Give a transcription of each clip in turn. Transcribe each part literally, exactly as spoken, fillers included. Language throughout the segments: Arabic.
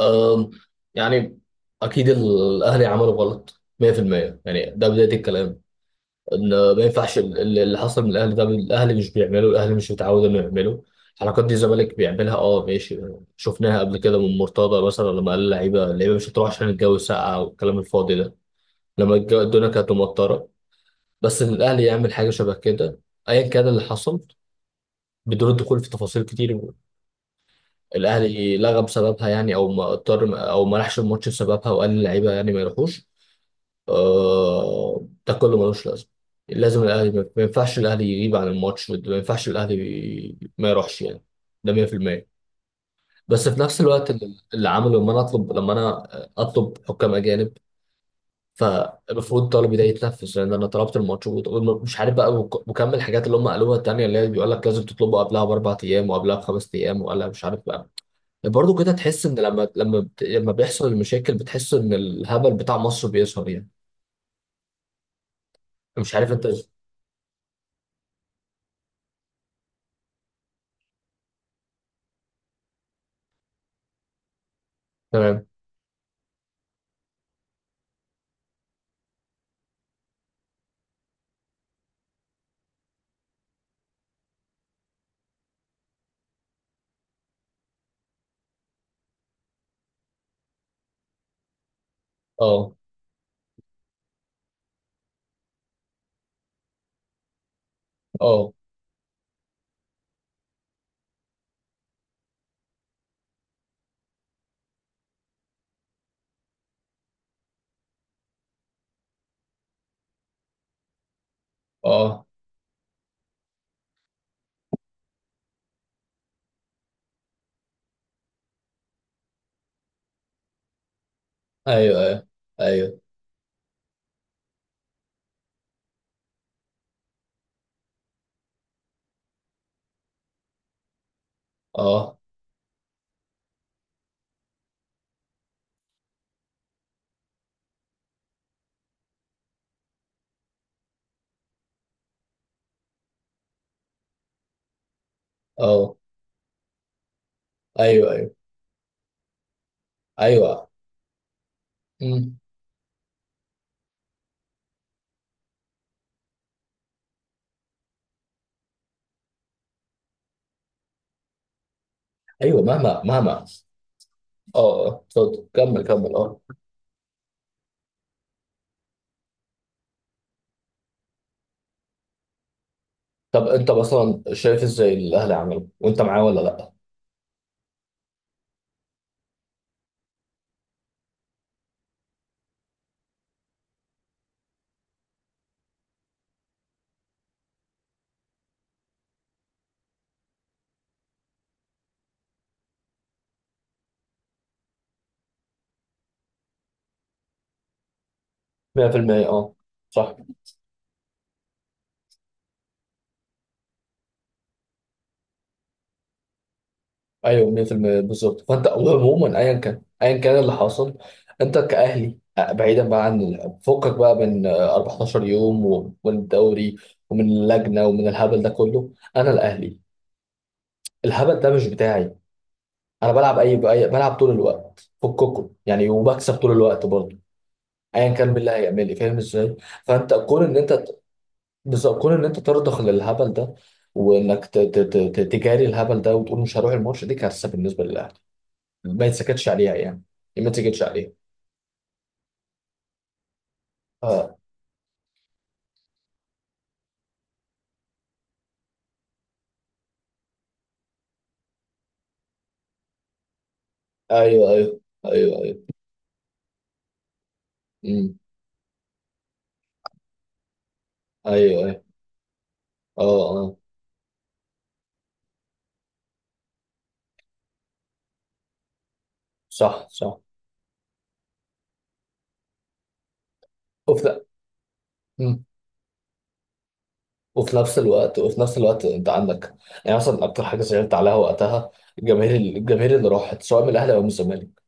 أم، يعني اكيد الاهلي عملوا غلط مية في المية، يعني ده بدايه الكلام، ان ما ينفعش ال- ال- اللي حصل من الاهلي. ده الاهلي مش بيعمله، الاهلي مش متعود انه يعمله. الحركات دي الزمالك بيعملها، اه ماشي. شفناها قبل كده من مرتضى مثلا لما قال اللعيبه اللعيبه مش هتروح عشان الجو ساقع والكلام الفاضي ده، لما الجو- الدنيا كانت مطره. بس ان الاهلي يعمل حاجه شبه كده، ايا كان اللي حصل، بدون الدخول في تفاصيل كتير، الاهلي لغى بسببها يعني، او ما اضطر، او ما راحش الماتش بسببها وقال للعيبه يعني ما يروحوش. آه، ده كله ملوش لازمه. لازم الاهلي، ما ما ينفعش الاهلي يغيب عن الماتش، ما ينفعش الاهلي ما يروحش يعني. ده مية في المية. بس في نفس الوقت اللي اللي عمله، لما انا اطلب لما انا اطلب حكام اجانب، فالمفروض طلبي ده يتنفذ. لان انا طلبت الماتش وط- ومش عارف بقى، وك- وكمل الحاجات اللي هم قالوها التانيه، اللي هي بيقول لك لازم تطلبه قبلها باربع ايام وقبلها بخمس ايام وقبلها مش عارف. برضه كده تحس ان لما لما بت- لما بيحصل المشاكل، بتحس ان الهبل بتاع مصر بيظهر يعني. مش عارف انت. تمام. اه اه اه، ايوه ايوه ايوه. اه اه. ايوه ايوه ايوه. مم. ايوه، مهما مهما. اه اه، اتفضل كمل كمل، اه. طب انت مثلا شايف ازاي الاهلي عملوا، وانت معاه ولا لا؟ مية في المية، اه. صح. ايوه، مية في المية، بالظبط. فانت عموما، ايا كان ايا كان اللي حاصل، انت كاهلي، آه، بعيدا بقى عن ال- فكك بقى من، آه، اربعة عشر يوم و- والدوري، ومن اللجنه ومن الهبل ده كله. انا الاهلي، الهبل ده مش بتاعي. انا بلعب، اي بأي بلعب طول الوقت، فككم يعني، وبكسب طول الوقت برضه. ايا كان بالله هيعمل لي، فاهم ازاي؟ فانت كون ان انت ت- بالظبط، كون ان انت ترضخ للهبل ده، وانك ت- ت- ت- ت- تجاري الهبل ده وتقول مش هروح الماتش، دي كارثه بالنسبه للاهلي. ما يتسكتش عليها يعني. ما تسكتش عليها. اه. ايوه ايوه ايوه ايوه. امم. ايوه ايوه. اه اه. صح صح. وفي ن- مم. وفي نفس الوقت وفي نفس الوقت انت عندك، يعني مثلا اكتر حاجه زعلت عليها وقتها، الجماهير الجماهير اللي راحت سواء من الاهلي او من الزمالك.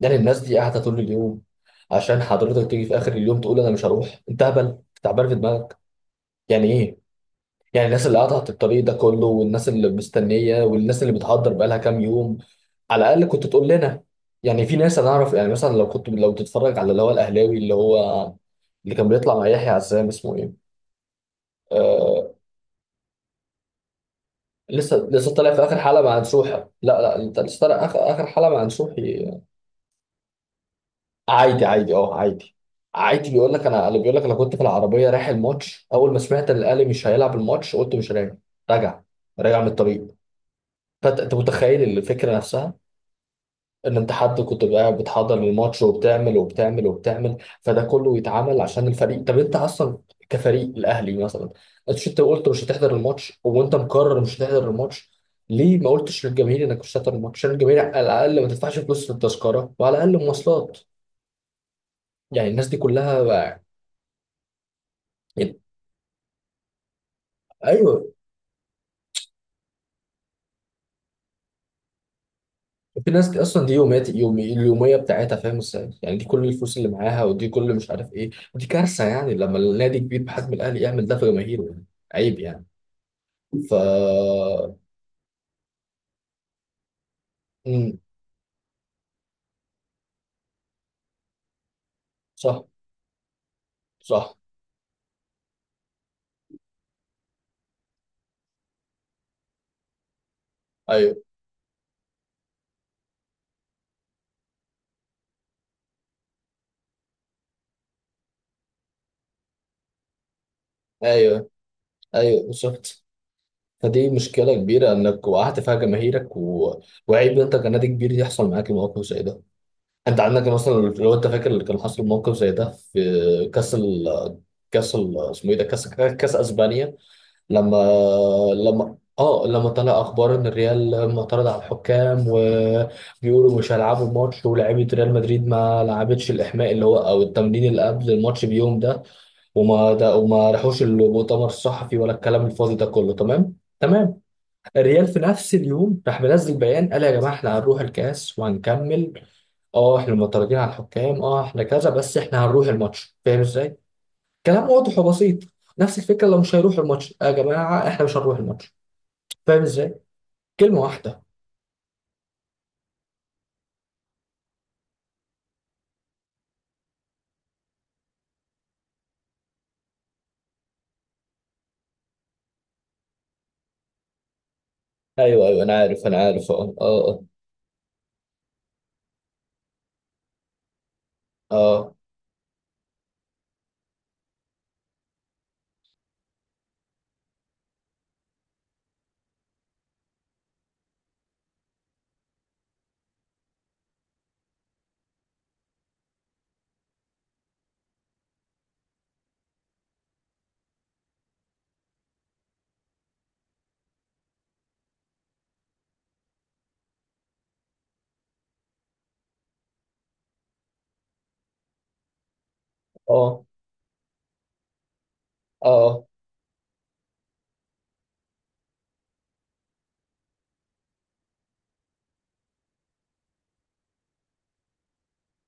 يعني الناس دي قاعده طول اليوم عشان حضرتك تيجي في اخر اليوم تقول انا مش هروح؟ انت هبل، تعبان في دماغك. يعني ايه؟ يعني الناس اللي قطعت الطريق ده كله، والناس اللي مستنيه، والناس اللي بتهدر بقالها كام يوم، على الاقل كنت تقول لنا يعني. في ناس انا اعرف، يعني مثلا لو كنت، لو تتفرج على اللي هو الاهلاوي اللي هو اللي كان بيطلع مع يحيى عزام، اسمه ايه؟ آه. لسه لسه طالع في اخر حلقه مع نسوحه. لا لا، انت لسه طالع اخر اخر حلقه مع نسوحي. عادي عادي، اه، عادي. عادي بيقول لك انا، اللي بيقول لك انا كنت في العربيه رايح الماتش، اول ما سمعت ان الاهلي مش هيلعب الماتش، قلت مش راجع. راجع، راجع من الطريق. فانت أنت متخيل الفكره نفسها. ان انت حد كنت بقى بتحضر الماتش وبتعمل وبتعمل وبتعمل، فده كله يتعمل عشان الفريق. طب انت اصلا كفريق الاهلي مثلا، انت شو- انت قلت مش هتحضر الماتش، وانت مقرر مش هتحضر الماتش، ليه ما قلتش للجماهير انك مش هتحضر الماتش عشان الجماهير على الاقل ما تدفعش فلوس في التذكره، وعلى الاقل مواصلات. يعني الناس دي كلها بقى. يعني ايوه، في ناس دي اصلا دي يومات، يوم اليوميه بتاعتها فاهم ازاي يعني، دي كل الفلوس اللي معاها، ودي كل مش عارف ايه. دي كارثه يعني لما النادي كبير بحجم الاهلي يعمل ده في جماهيره يعني. عيب يعني. ف مم. صح صح. ايوه ايوه ايوه، بالظبط. فدي مشكله كبيره انك وقعت فيها جماهيرك و... وعيب انت كنادي كبير يحصل معاك موقف زي ده. انت عندك مثلا، لو انت فاكر اللي كان حصل موقف زي ده في كاس ال... كاس ال... اسمه ايه ده، كاس كاس اسبانيا. لما لما اه لما طلع اخبار ان الريال معترض على الحكام وبيقولوا مش هيلعبوا الماتش، ولاعيبه ريال مدريد ما لعبتش الاحماء اللي هو او التمرين اللي قبل الماتش بيوم ده، وما ده وما راحوش المؤتمر الصحفي ولا الكلام الفاضي ده كله، تمام تمام. الريال في نفس اليوم راح منزل بيان، قال يا جماعه احنا هنروح الكاس وهنكمل، اه احنا معترضين على الحكام، اه احنا كذا، بس احنا هنروح الماتش. فاهم ازاي؟ كلام واضح وبسيط. نفس الفكره، لو مش هيروح الماتش، آه، يا جماعه احنا مش هنروح الماتش. فاهم ازاي؟ كلمه واحده. ايوه ايوه، انا عارف انا عارف، اه اه. اه اه. اه اه.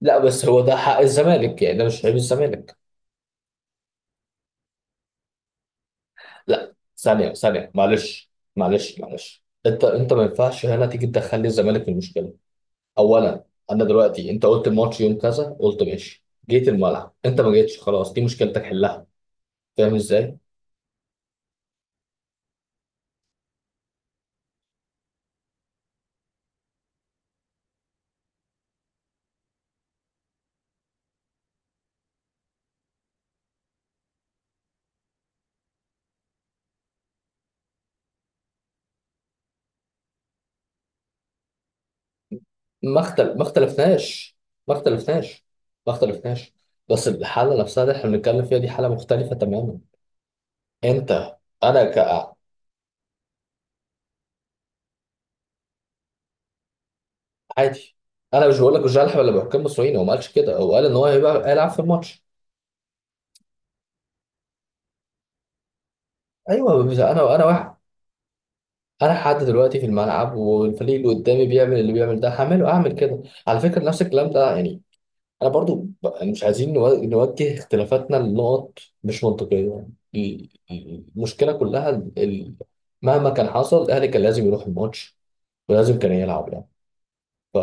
لا، بس هو ده حق الزمالك يعني، ده مش عيب الزمالك. لا ثانية ثانية، معلش معلش معلش، انت انت ما ينفعش هنا تيجي تدخل لي الزمالك في المشكلة. اولا، انا دلوقتي، انت قلت الماتش يوم كذا، قلت ماشي جيت الملعب، انت ما جيتش، خلاص دي مشكلتك حلها. فاهم ازاي؟ ما اختل... ما اختلفناش ما اختلفناش ما اختلفناش. بس الحالة نفسها اللي احنا بنتكلم فيها، دي حالة مختلفة تماما. انت، انا ك عادي. انا مش بقول لك مش هلعب الا بحكام مصريين، هو ما قالش كده. هو قال ان هو هيبقى هيلعب في الماتش. ايوه. انا انا واحد. انا حد دلوقتي في الملعب والفريق اللي قدامي بيعمل اللي بيعمل ده، هعمله. اعمل كده على فكره نفس الكلام ده يعني. انا برضو ب- يعني مش عايزين نو- نوجه اختلافاتنا لنقط مش منطقيه يعني. ال- المشكله كلها ال- ال- مهما كان حصل الاهلي كان لازم يروح الماتش، ولازم كان يلعب يعني. ف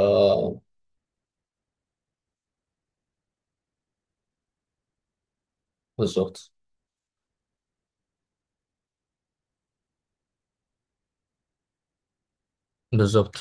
بالظبط بالظبط.